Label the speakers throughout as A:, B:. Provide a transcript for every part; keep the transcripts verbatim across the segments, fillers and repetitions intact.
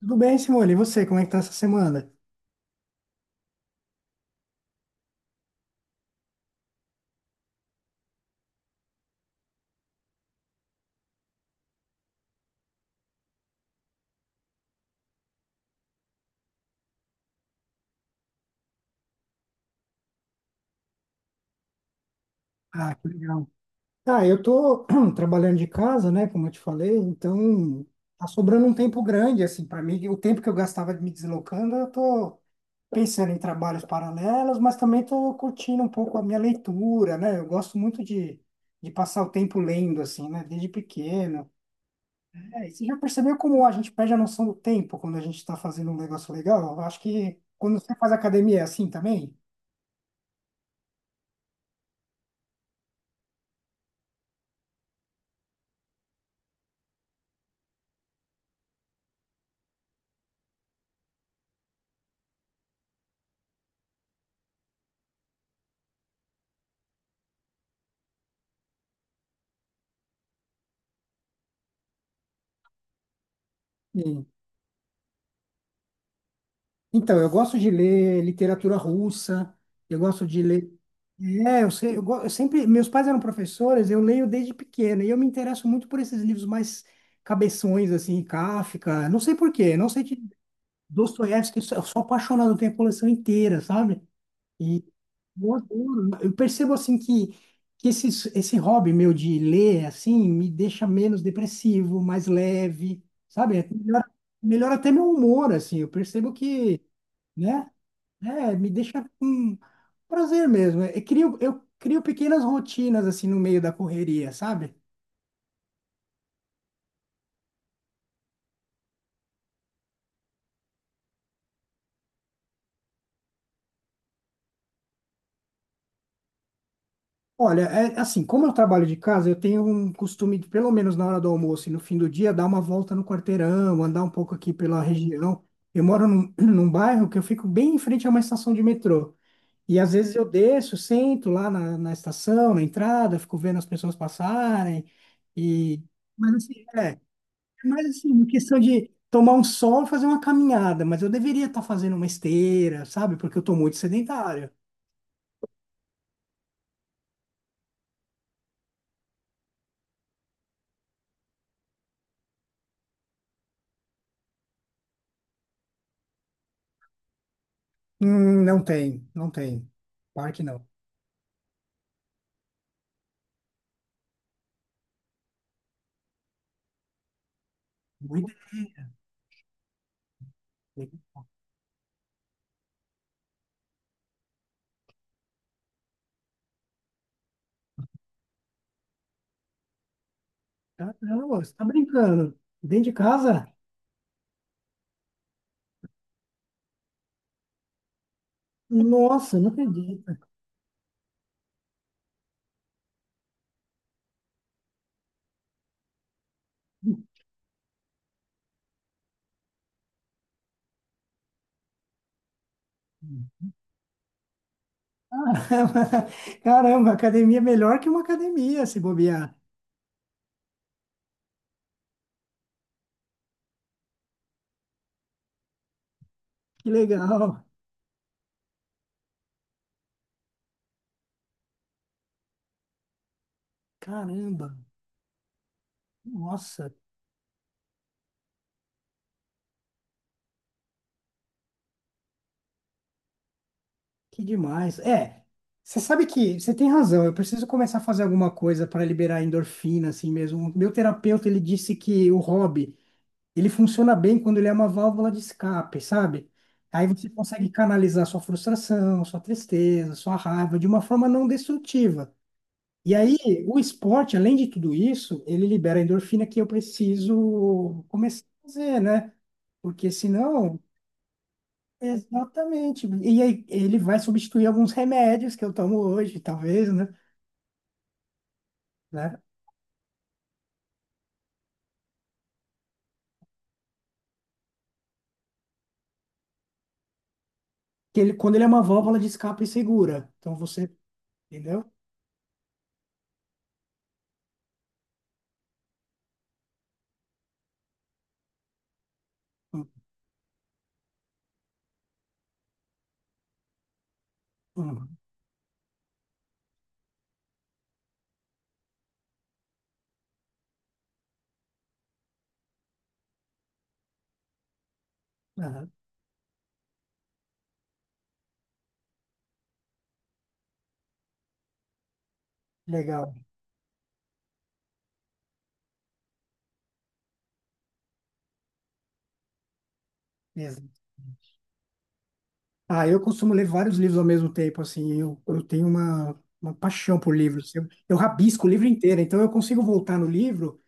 A: Tudo bem, Simone? E você, como é que tá essa semana? Ah, que legal. Ah, eu tô trabalhando de casa, né, como eu te falei, então tá sobrando um tempo grande, assim, para mim. O tempo que eu gastava me deslocando, eu tô pensando em trabalhos paralelos, mas também tô curtindo um pouco a minha leitura, né? Eu gosto muito de, de passar o tempo lendo, assim, né, desde pequeno. É, e você já percebeu como a gente perde a noção do tempo quando a gente tá fazendo um negócio legal? Eu acho que quando você faz academia é assim também? Então, eu gosto de ler literatura russa, eu gosto de ler. É, eu sei, eu, go- eu sempre. Meus pais eram professores, eu leio desde pequeno, e eu me interesso muito por esses livros mais cabeções, assim, Kafka, não sei por quê, não sei de Dostoiévski, eu sou eu sou apaixonado, eu tenho a coleção inteira, sabe? E eu adoro. Eu percebo, assim, que, que esse, esse hobby meu de ler, assim, me deixa menos depressivo, mais leve, sabe? Melhora, melhora até meu humor, assim, eu percebo que, né? É, me deixa com prazer mesmo. Eu crio, eu crio pequenas rotinas assim no meio da correria, sabe? Olha, é assim, como eu trabalho de casa, eu tenho um costume de, pelo menos na hora do almoço e no fim do dia, dar uma volta no quarteirão, andar um pouco aqui pela região. Eu moro num, num bairro que eu fico bem em frente a uma estação de metrô. E às vezes eu desço, sento lá na, na estação, na entrada, fico vendo as pessoas passarem. E... Mas assim, é. Mas assim, uma questão de tomar um sol e fazer uma caminhada, mas eu deveria estar fazendo uma esteira, sabe? Porque eu estou muito sedentário. Hum, não tem, não tem. Parque não. Muito... Ah, não, você tá brincando. Dentro de casa? Nossa, não acredito. Caramba, caramba, academia é melhor que uma academia, se bobear. Que legal. Caramba, nossa. Que demais. É, você sabe que você tem razão. Eu preciso começar a fazer alguma coisa para liberar endorfina, assim mesmo. O meu terapeuta, ele disse que o hobby, ele funciona bem quando ele é uma válvula de escape, sabe? Aí você consegue canalizar sua frustração, sua tristeza, sua raiva de uma forma não destrutiva. E aí, o esporte, além de tudo isso, ele libera a endorfina que eu preciso começar a fazer, né? Porque senão exatamente. E aí ele vai substituir alguns remédios que eu tomo hoje, talvez, né? Né? Que ele, quando ele é uma válvula de escape segura. Então você, entendeu? Hum, hum. Aham. Legal. Mesmo. Ah, eu costumo ler vários livros ao mesmo tempo, assim. Eu, eu tenho uma, uma paixão por livros. Eu, eu rabisco o livro inteiro, então eu consigo voltar no livro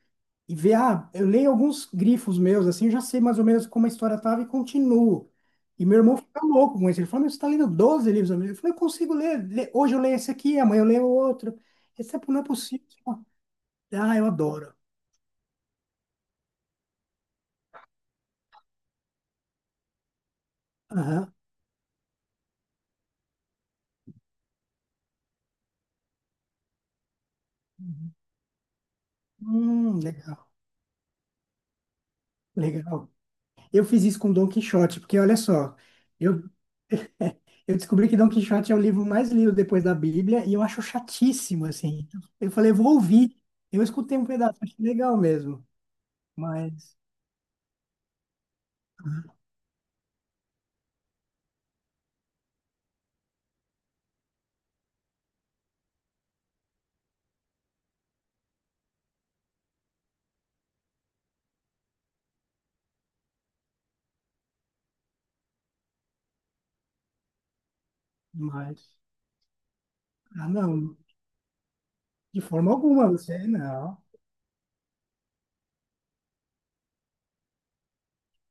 A: e ver, ah, eu leio alguns grifos meus, assim, eu já sei mais ou menos como a história tava e continuo. E meu irmão fica louco com isso. Ele fala, mas você tá lendo doze livros ao mesmo tempo? Eu falei, eu consigo ler. Le- hoje eu leio esse aqui, amanhã eu leio outro. Esse é, não é possível. Ah, eu adoro. Aham. Hum, legal, legal. Eu fiz isso com Dom Quixote, porque olha só, eu, eu descobri que Dom Quixote é o livro mais lido depois da Bíblia e eu acho chatíssimo, assim. Eu falei, eu vou ouvir. Eu escutei um pedaço, achei legal mesmo. Mas, mas. Ah, não, de forma alguma, você não.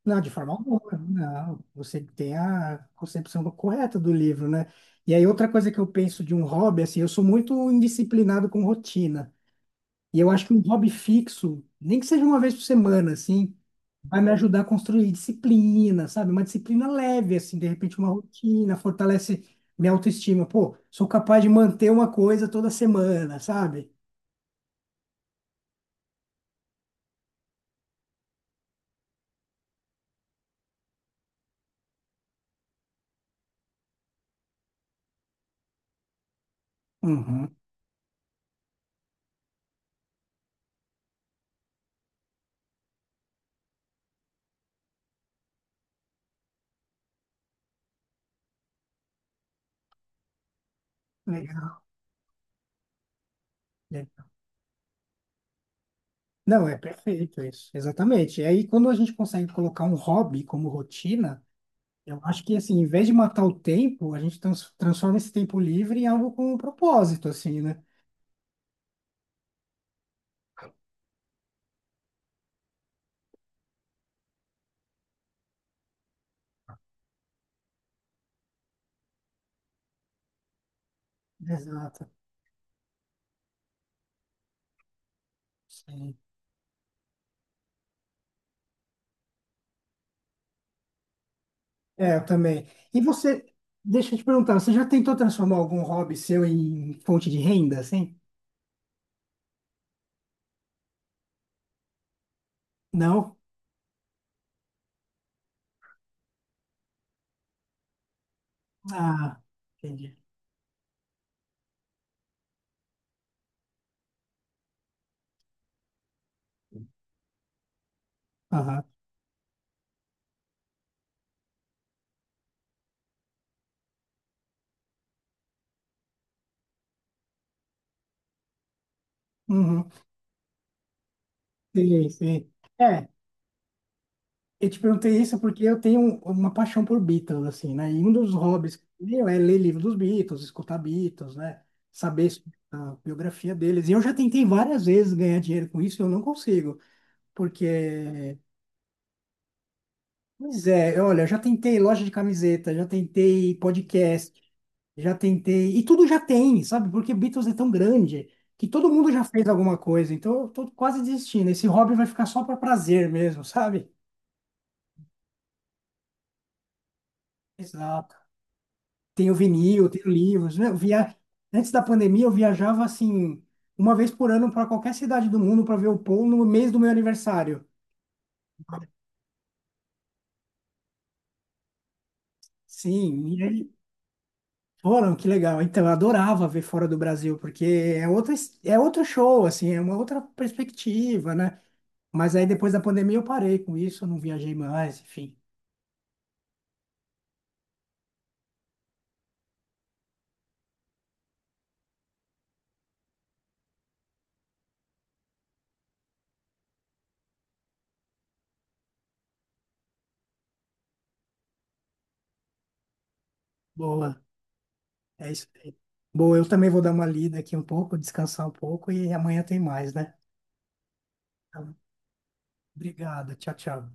A: Não, de forma alguma, não. Você tem a concepção correta do livro, né? E aí, outra coisa que eu penso de um hobby, assim, eu sou muito indisciplinado com rotina. E eu acho que um hobby fixo, nem que seja uma vez por semana, assim, vai me ajudar a construir disciplina, sabe? Uma disciplina leve, assim, de repente uma rotina, fortalece minha autoestima. Pô, sou capaz de manter uma coisa toda semana, sabe? Uhum. Legal. Não, é perfeito isso, exatamente. E aí, quando a gente consegue colocar um hobby como rotina, eu acho que, assim, em vez de matar o tempo, a gente trans- transforma esse tempo livre em algo com um propósito, assim, né? Exato. Sim. É, eu também. E você, deixa eu te perguntar, você já tentou transformar algum hobby seu em fonte de renda, assim? Não? Ah, entendi. Aham. Uhum. Sim, sim. É, eu te perguntei isso porque eu tenho uma paixão por Beatles, assim, né? E um dos hobbies meu é ler livro dos Beatles, escutar Beatles, né? Saber sobre a biografia deles. E eu já tentei várias vezes ganhar dinheiro com isso, e eu não consigo, porque, pois é, olha, eu já tentei loja de camiseta, já tentei podcast, já tentei, e tudo já tem, sabe? Porque Beatles é tão grande que todo mundo já fez alguma coisa, então eu tô quase desistindo. Esse hobby vai ficar só para prazer mesmo, sabe? Exato. Tenho vinil, tenho livros. Né? Eu via... Antes da pandemia, eu viajava assim, uma vez por ano para qualquer cidade do mundo para ver o Paul no mês do meu aniversário. Sim, e aí foram, que legal. Então, eu adorava ver fora do Brasil, porque é outra, es- é outro show, assim, é uma outra perspectiva, né? Mas aí depois da pandemia eu parei com isso, eu não viajei mais, enfim. Boa, é isso aí. Boa, eu também vou dar uma lida aqui um pouco, descansar um pouco e amanhã tem mais, né? Então, obrigado, tchau, tchau.